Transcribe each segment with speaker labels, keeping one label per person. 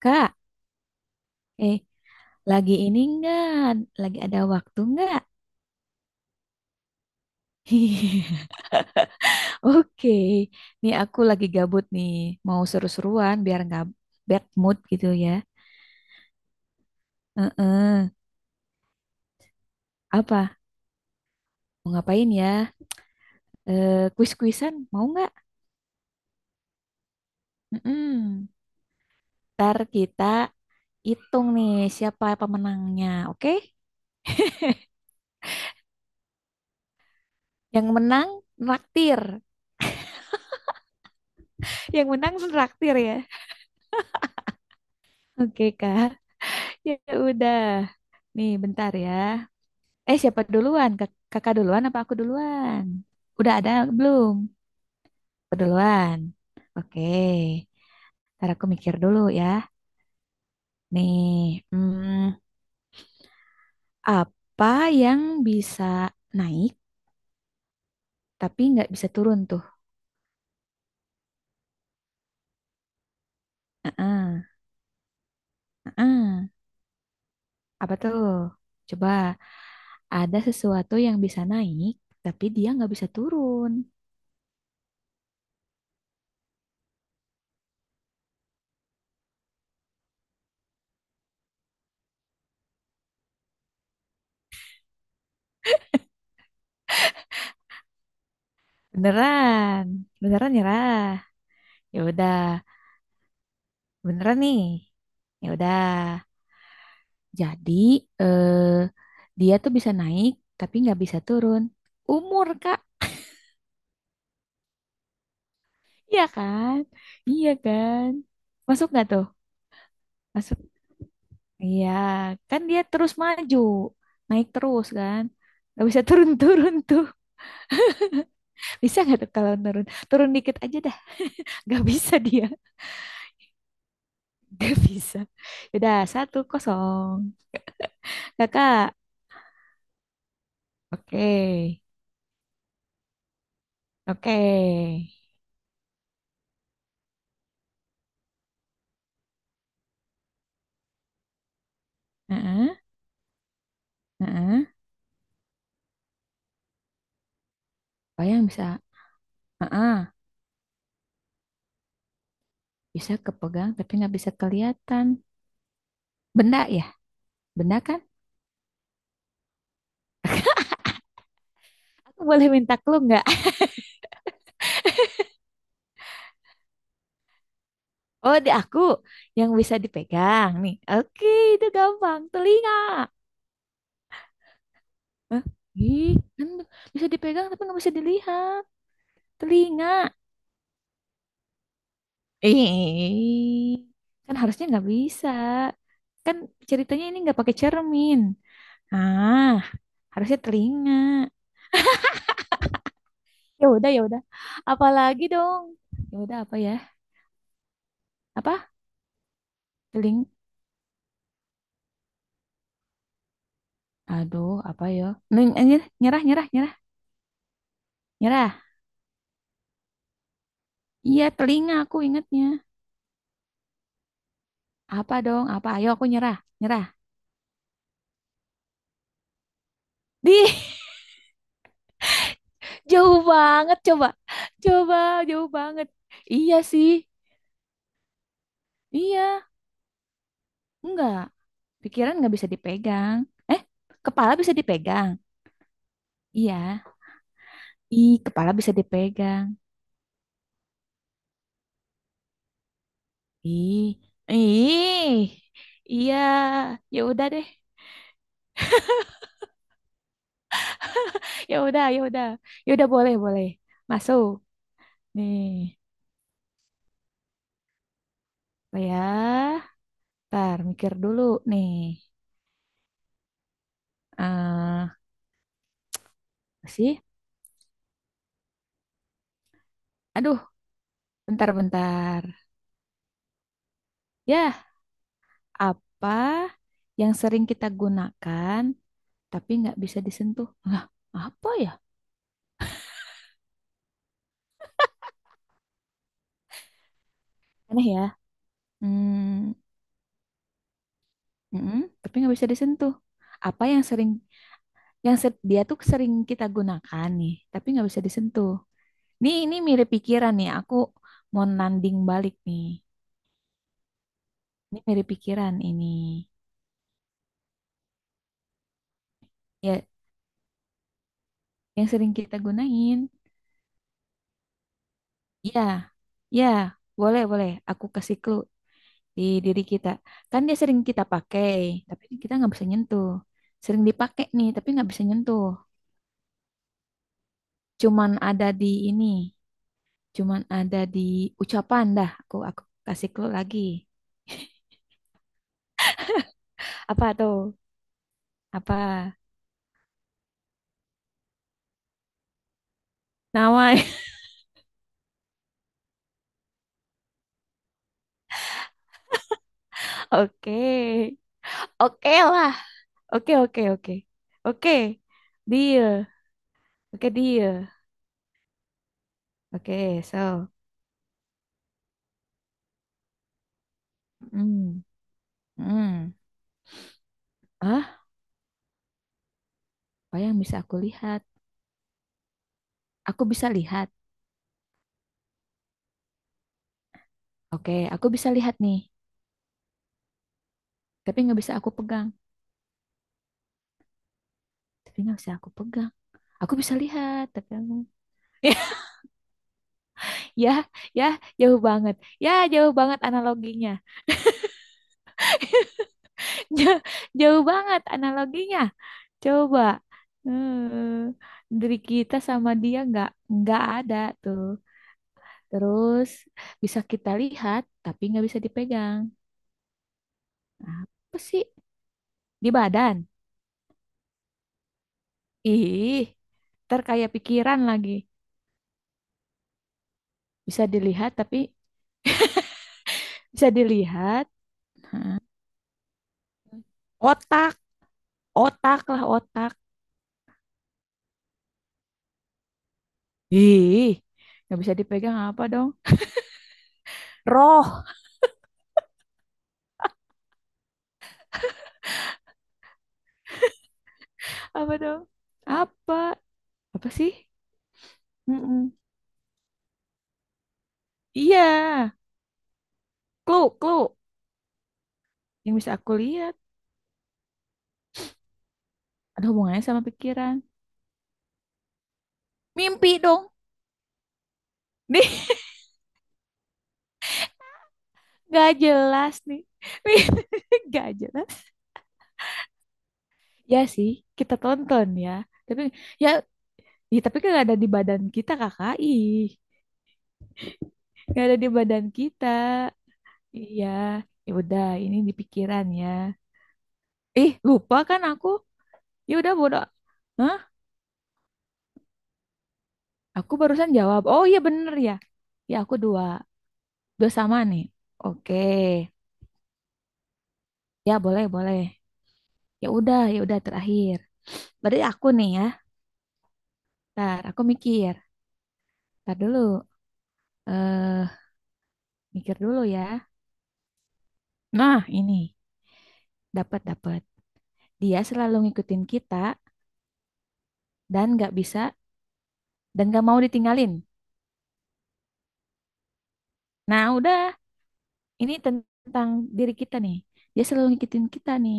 Speaker 1: Kak, eh, lagi ini enggak? Lagi ada waktu enggak? Oke, nih aku lagi gabut nih, mau seru-seruan biar nggak bad mood gitu ya. Heeh. Apa? Mau ngapain ya? Kuis-kuisan mau nggak? Mm-mm. Ntar kita hitung nih siapa pemenangnya, oke? Yang menang traktir, yang menang traktir ya. Oke Kak, ya udah. Nih bentar ya. Siapa duluan? Kakak duluan apa aku duluan? Udah ada belum? Aku duluan. Oke. Ntar aku mikir dulu ya. Nih, apa yang bisa naik tapi nggak bisa turun tuh? Heeh, heeh. Apa tuh? Coba, ada sesuatu yang bisa naik tapi dia nggak bisa turun. Beneran, beneran nyerah. Ya udah, beneran nih. Ya udah. Jadi eh, dia tuh bisa naik tapi nggak bisa turun. Umur Kak, iya kan? Iya kan? Masuk nggak tuh? Masuk. Iya, kan dia terus maju, naik terus kan? Gak bisa turun-turun tuh. Bisa nggak tuh kalau turun? Turun dikit aja dah. Gak bisa dia, gak bisa. Ya udah satu kosong, kakak. Oke, oke. Heeh, heeh. Apa yang bisa. Heeh. Bisa kepegang tapi nggak bisa kelihatan. Benda ya, benda kan? Aku boleh minta clue nggak? Oh, di aku yang bisa dipegang nih. Oke, itu gampang. Telinga. Hah? Ih, kan bisa dipegang tapi nggak bisa dilihat. Telinga. Ih, kan harusnya nggak bisa. Kan ceritanya ini nggak pakai cermin. Ah, harusnya telinga. Ya udah, ya udah. Apalagi dong. Ya udah apa ya? Apa? Teling Aduh, apa yo? Neng, nyerah, nyerah, nyerah, nyerah. Nyerah. Iya, telinga aku ingetnya. Apa dong? Apa? Ayo aku nyerah, nyerah. Di, jauh banget coba. Coba, jauh banget. Iya sih. Iya, enggak. Pikiran nggak bisa dipegang. Eh, kepala bisa dipegang. Iya. Ih, kepala bisa dipegang. Ih. Ih. Iya, ya udah deh. Ya udah, ya udah. Ya udah boleh, boleh. Masuk. Nih. Apa ya? Bentar mikir dulu nih. Eh, sih? Aduh, bentar-bentar. Ya, apa yang sering kita gunakan tapi nggak bisa disentuh? Lah, apa ya? Aneh ya. Hmm, mm-mm, tapi nggak bisa disentuh. Apa yang sering, dia tuh sering kita gunakan nih, tapi nggak bisa disentuh. Nih, ini mirip pikiran nih. Aku mau nanding balik nih. Ini mirip pikiran ini. Ya, yang sering kita gunain. Iya, ya, boleh, boleh. Aku kasih clue di diri kita. Kan dia sering kita pakai, tapi kita nggak bisa nyentuh. Sering dipakai nih, tapi nggak bisa nyentuh. Cuman ada di ini, cuman ada di ucapan dah. Aku kasih clue lagi. Apa tuh? Apa? Nama. Oke. Oke lah. Oke, oke, oke. Oke. Deal. Oke, deal. Oke, so. Hmm. Hmm. Ah, apa yang bisa aku lihat? Aku bisa lihat. Oke, aku bisa lihat nih. Tapi nggak bisa aku pegang. Tapi nggak bisa aku pegang. Aku bisa lihat. Tapi aku. Ya, ya, ya, jauh banget. Ya, jauh banget analoginya. Jauh, jauh banget analoginya. Coba. Hmm, dari kita sama dia nggak ada tuh. Terus bisa kita lihat, tapi nggak bisa dipegang. Apa sih? Di badan. Ih, ntar kayak pikiran lagi. Bisa dilihat, tapi bisa dilihat. Otak, otak lah, otak. Ih, nggak bisa dipegang. Apa dong? Roh. Apa dong? Apa? Apa sih? Mm-mm. Iya, clue clue yang bisa aku lihat, ada hubungannya sama pikiran. Mimpi dong. Nih, nggak jelas nih. Mimpi. Nggak jelas. Ya sih, kita tonton ya, tapi ya, ya tapi kan nggak ada di badan kita kakak. Ih, nggak ada di badan kita. Iya, ya udah ini di pikiran ya. Ih, lupa kan aku? Ya udah bodoh. Hah? Aku barusan jawab. Oh iya bener ya. Ya aku dua. Dua sama nih. Oke. Ya boleh, boleh. Ya udah terakhir. Berarti aku nih ya. Ntar aku mikir. Ntar dulu. Eh, mikir dulu ya. Nah, ini. Dapat, dapat. Dia selalu ngikutin kita dan nggak bisa dan nggak mau ditinggalin. Nah, udah. Ini tentang diri kita nih. Dia selalu ngikutin kita nih.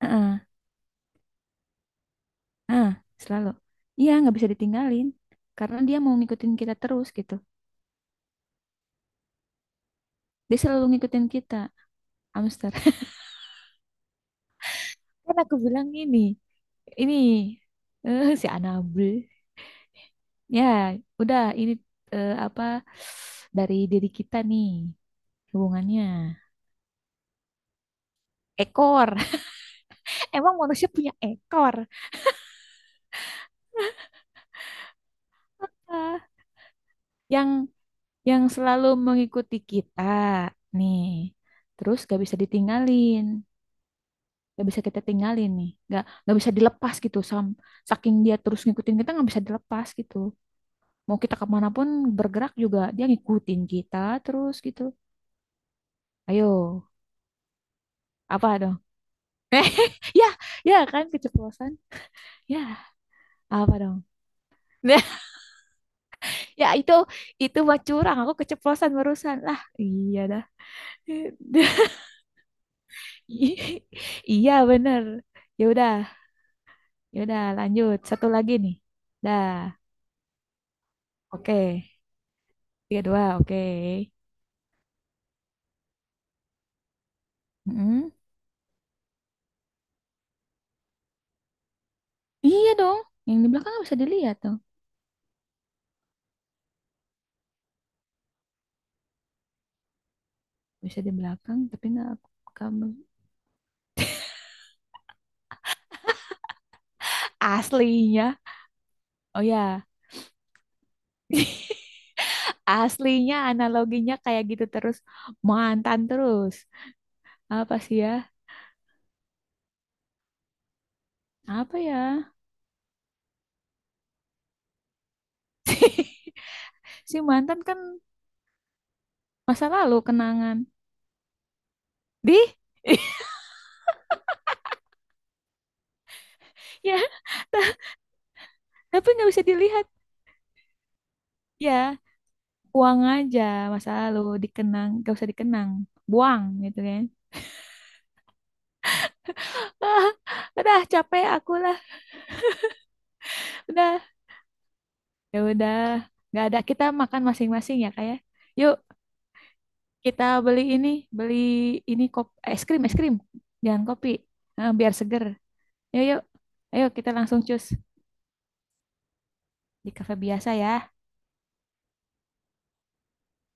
Speaker 1: Heeh, heeh, selalu. Iya, nggak bisa ditinggalin. Karena dia mau ngikutin kita terus gitu. Dia selalu ngikutin kita, hamster. Kan aku bilang ini, si Anabel. Ya, udah ini apa dari diri kita nih hubungannya. Ekor. Emang manusia punya ekor? Ah, yang yang selalu mengikuti kita nih, terus gak bisa ditinggalin, gak bisa kita tinggalin nih, gak bisa dilepas gitu, saking dia terus ngikutin kita nggak bisa dilepas gitu, mau kita kemanapun bergerak juga dia ngikutin kita terus gitu. Ayo, apa dong? Eh, ya, ya kan keceplosan. Ya, apa dong. Nah, ya itu mah curang, aku keceplosan barusan lah, iya dah. Iya bener. Ya udah. Yaudah, lanjut. Satu lagi nih. Dah, oke. Tiga, dua, oke. Mm-mm. Iya dong. Yang di belakang nggak bisa dilihat tuh. Bisa di belakang, tapi nggak kamu. Aslinya. Oh ya. Aslinya analoginya kayak gitu terus. Mantan terus. Apa sih ya? Apa ya? Si mantan kan masa lalu kenangan. Di? Ya, ta- tapi nggak bisa dilihat. Ya, buang aja masa lalu dikenang, gak usah dikenang. Buang gitu kan. Ah, udah capek aku lah. Udah. Ya udah. Nggak ada, kita makan masing-masing ya kayak. Yuk kita beli ini es krim, es krim. Jangan kopi. Ah, biar seger. Yuk yuk. Ayo kita langsung cus di kafe biasa ya.